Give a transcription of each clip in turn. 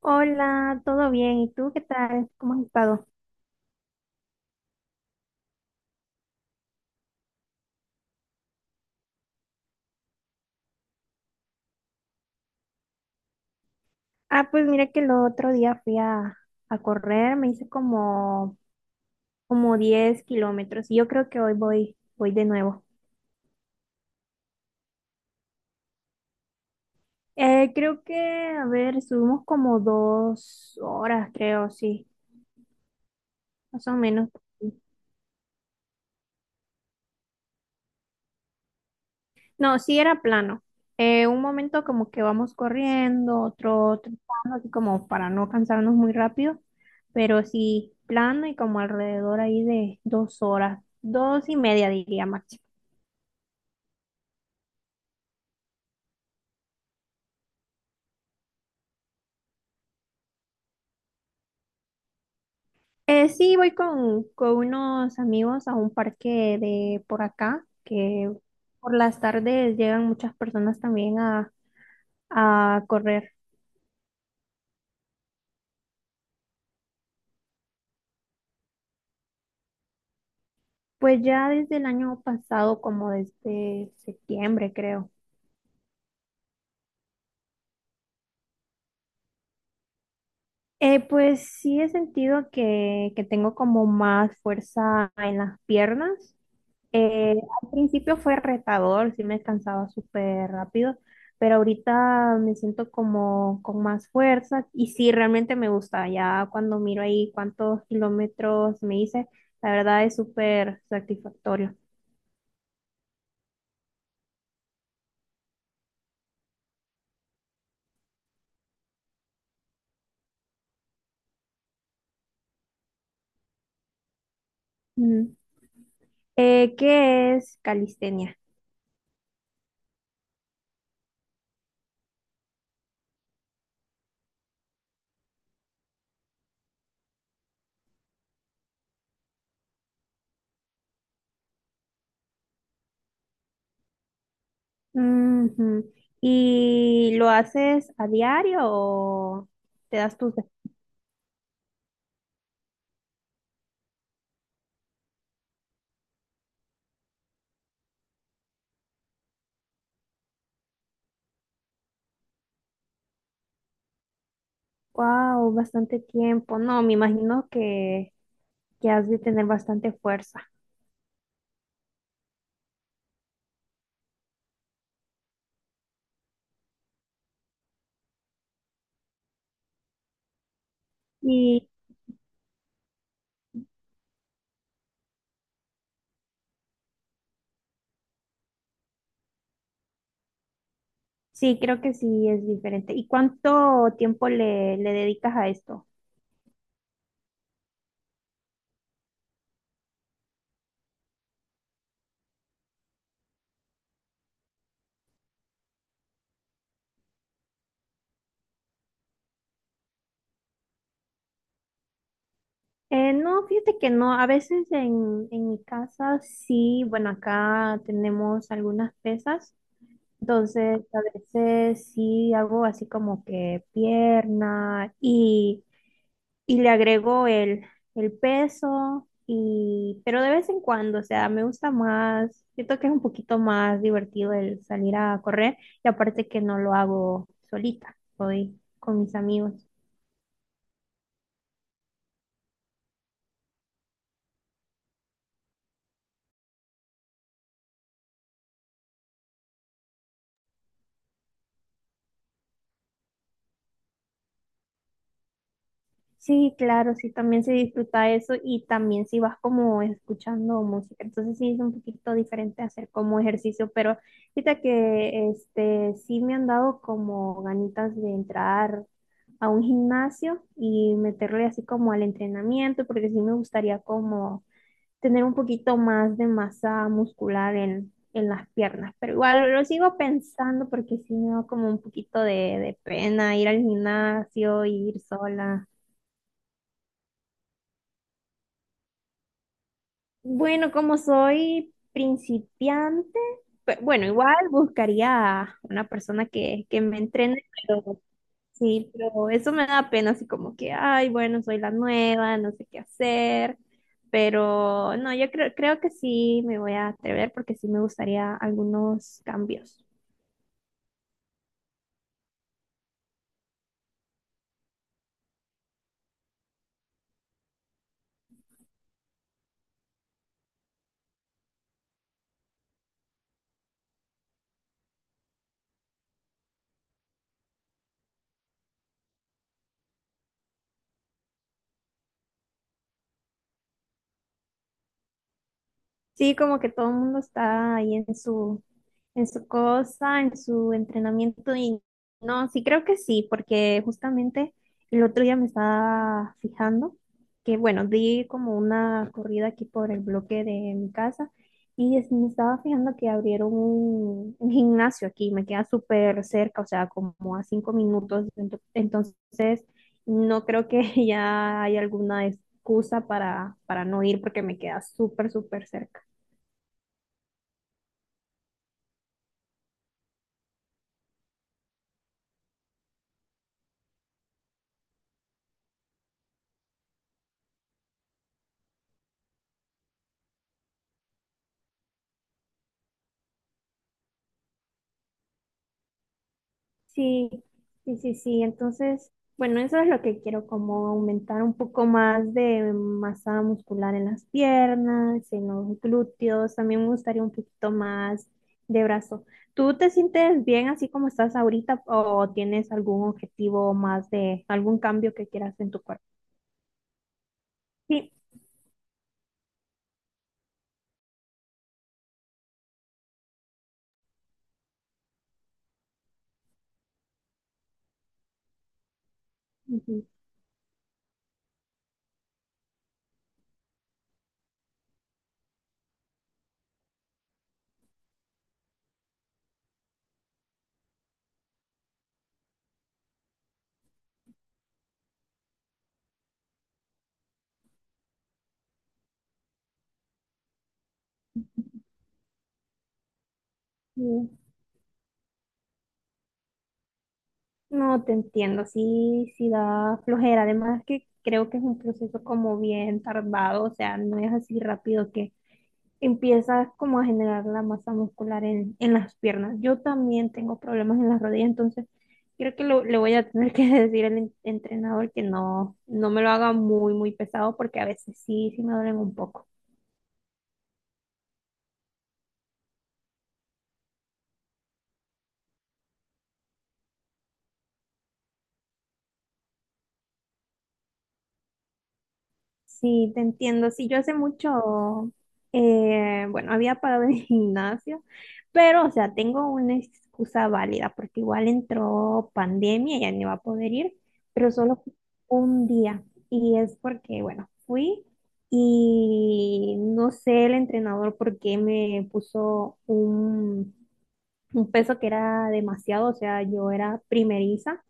Hola, ¿todo bien? ¿Y tú qué tal? ¿Cómo has estado? Pues mira que el otro día a correr, como 10 kilómetros y yo creo que hoy voy de nuevo. Eh, creo que, a ver, subimos como 2 horas, creo, sí, más o menos. No, sí era plano. Un momento como que vamos corriendo, otro trotando, así como para no cansarnos muy rápido, pero sí plano y como alrededor ahí de 2 horas, 2 y media diría máximo. Sí, con unos amigos a un parque de por acá, que por las tardes llegan muchas personas a correr. Pues ya desde el año pasado, como desde septiembre, creo. Pues sí he sentido que tengo como más fuerza en las piernas. Eh, Al principio fue retador, sí me cansaba súper rápido, pero ahorita me siento como con más fuerza y sí, realmente me gusta. Ya cuando miro ahí cuántos kilómetros me hice, la verdad es súper satisfactorio. Mm. ¿Qué es calistenia? Ujú. ¿Y lo haces a diario o te das tus... Wow, bastante tiempo. No, que has de tener bastante fuerza. Y sí, creo que sí es diferente. ¿Y cuánto tiempo le dedicas a esto? No, fíjate que no. En mi casa sí, bueno, acá tenemos algunas pesas. Entonces, a veces sí hago así como que pierna y el peso y pero de vez en cuando, o sea, me gusta más, siento que es un poquito más divertido el salir a correr y aparte que no lo hago solita, voy con mis amigos. Sí, claro, sí, también se disfruta eso y también si vas como escuchando música, entonces sí es un poquito diferente hacer como ejercicio, pero fíjate que este sí me han dado como ganitas de entrar a un gimnasio y meterle así como al entrenamiento, porque sí me gustaría como tener un poquito más de masa muscular en las piernas, pero igual lo sigo pensando porque sí me da como un poquito de pena ir al gimnasio y ir sola. Bueno, como soy principiante, igual buscaría una persona que me entrene, pero sí, pero eso me da pena, así como que, ay, bueno, soy la nueva, no sé qué hacer, pero no, creo que sí me voy a atrever porque sí me gustaría algunos cambios. Sí, como que todo el mundo está ahí en su cosa, en su entrenamiento y no, sí creo que sí, porque justamente el otro día me estaba fijando que, bueno, di como una corrida aquí por el bloque de mi casa me estaba fijando que abrieron un gimnasio aquí, me queda súper cerca, o sea, como a 5 minutos, entonces no creo que ya haya alguna excusa para no ir porque me queda súper, súper cerca. Sí, sí, sí, sí. Entonces, bueno, eso es lo que quiero, como aumentar un poco más de masa muscular en las piernas, en los glúteos. También me gustaría un poquito más de brazo. ¿Tú te sientes bien así como estás ahorita o tienes algún objetivo más de algún cambio que quieras en tu cuerpo? Sí, ujú, sí. No te entiendo, sí, sí da flojera. Además que creo que es un proceso como bien tardado, o sea, no es así rápido empiezas como a generar la masa muscular en las piernas. Yo también tengo problemas en las rodillas, entonces creo que le voy a tener que decir al entrenador que no, no me lo haga muy, muy pesado porque a veces sí, sí me duelen un poco. Sí, te entiendo. Sí, yo hace mucho, bueno, había pagado el gimnasio, pero, o sea, tengo una excusa válida, porque igual entró pandemia y ya no iba a poder ir, pero solo fui un día. Y es porque, bueno, fui y no sé el entrenador por qué me puso un peso que era demasiado, o sea, yo era primeriza.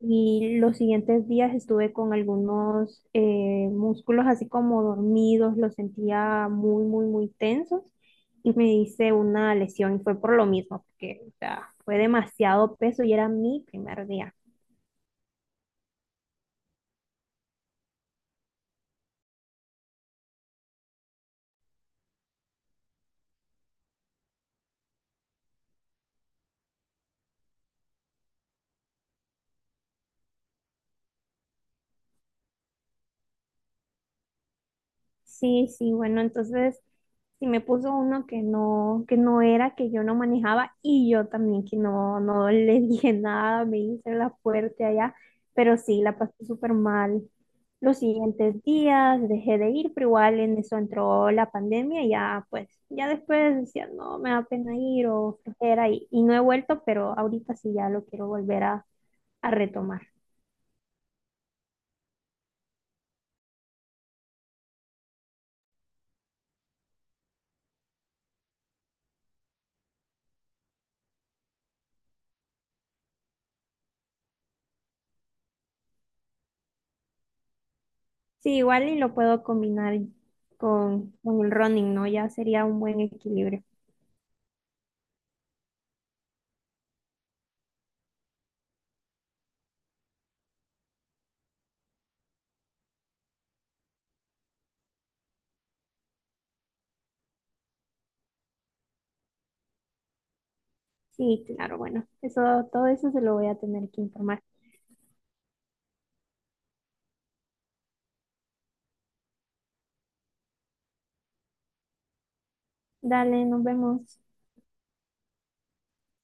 Y los siguientes días estuve con algunos músculos así como dormidos, los sentía muy, muy, muy tensos y me hice una lesión y fue por lo mismo, porque o sea, fue demasiado peso y era mi primer día. Sí, sí, bueno, entonces si me puso uno que no era, que yo no manejaba y yo también que no, no le dije nada, me hice la fuerte allá, pero sí, la pasé súper mal. Los siguientes días dejé de ir, pero igual en eso entró la pandemia y ya pues, ya después decía, no, me da pena ir o flojera y no he vuelto, pero ahorita sí ya lo quiero volver a retomar. Sí, igual y lo puedo combinar con el running, ¿no? Ya sería un buen equilibrio. Sí, claro, bueno, eso, todo eso se lo voy a tener que informar. Dale, nos vemos.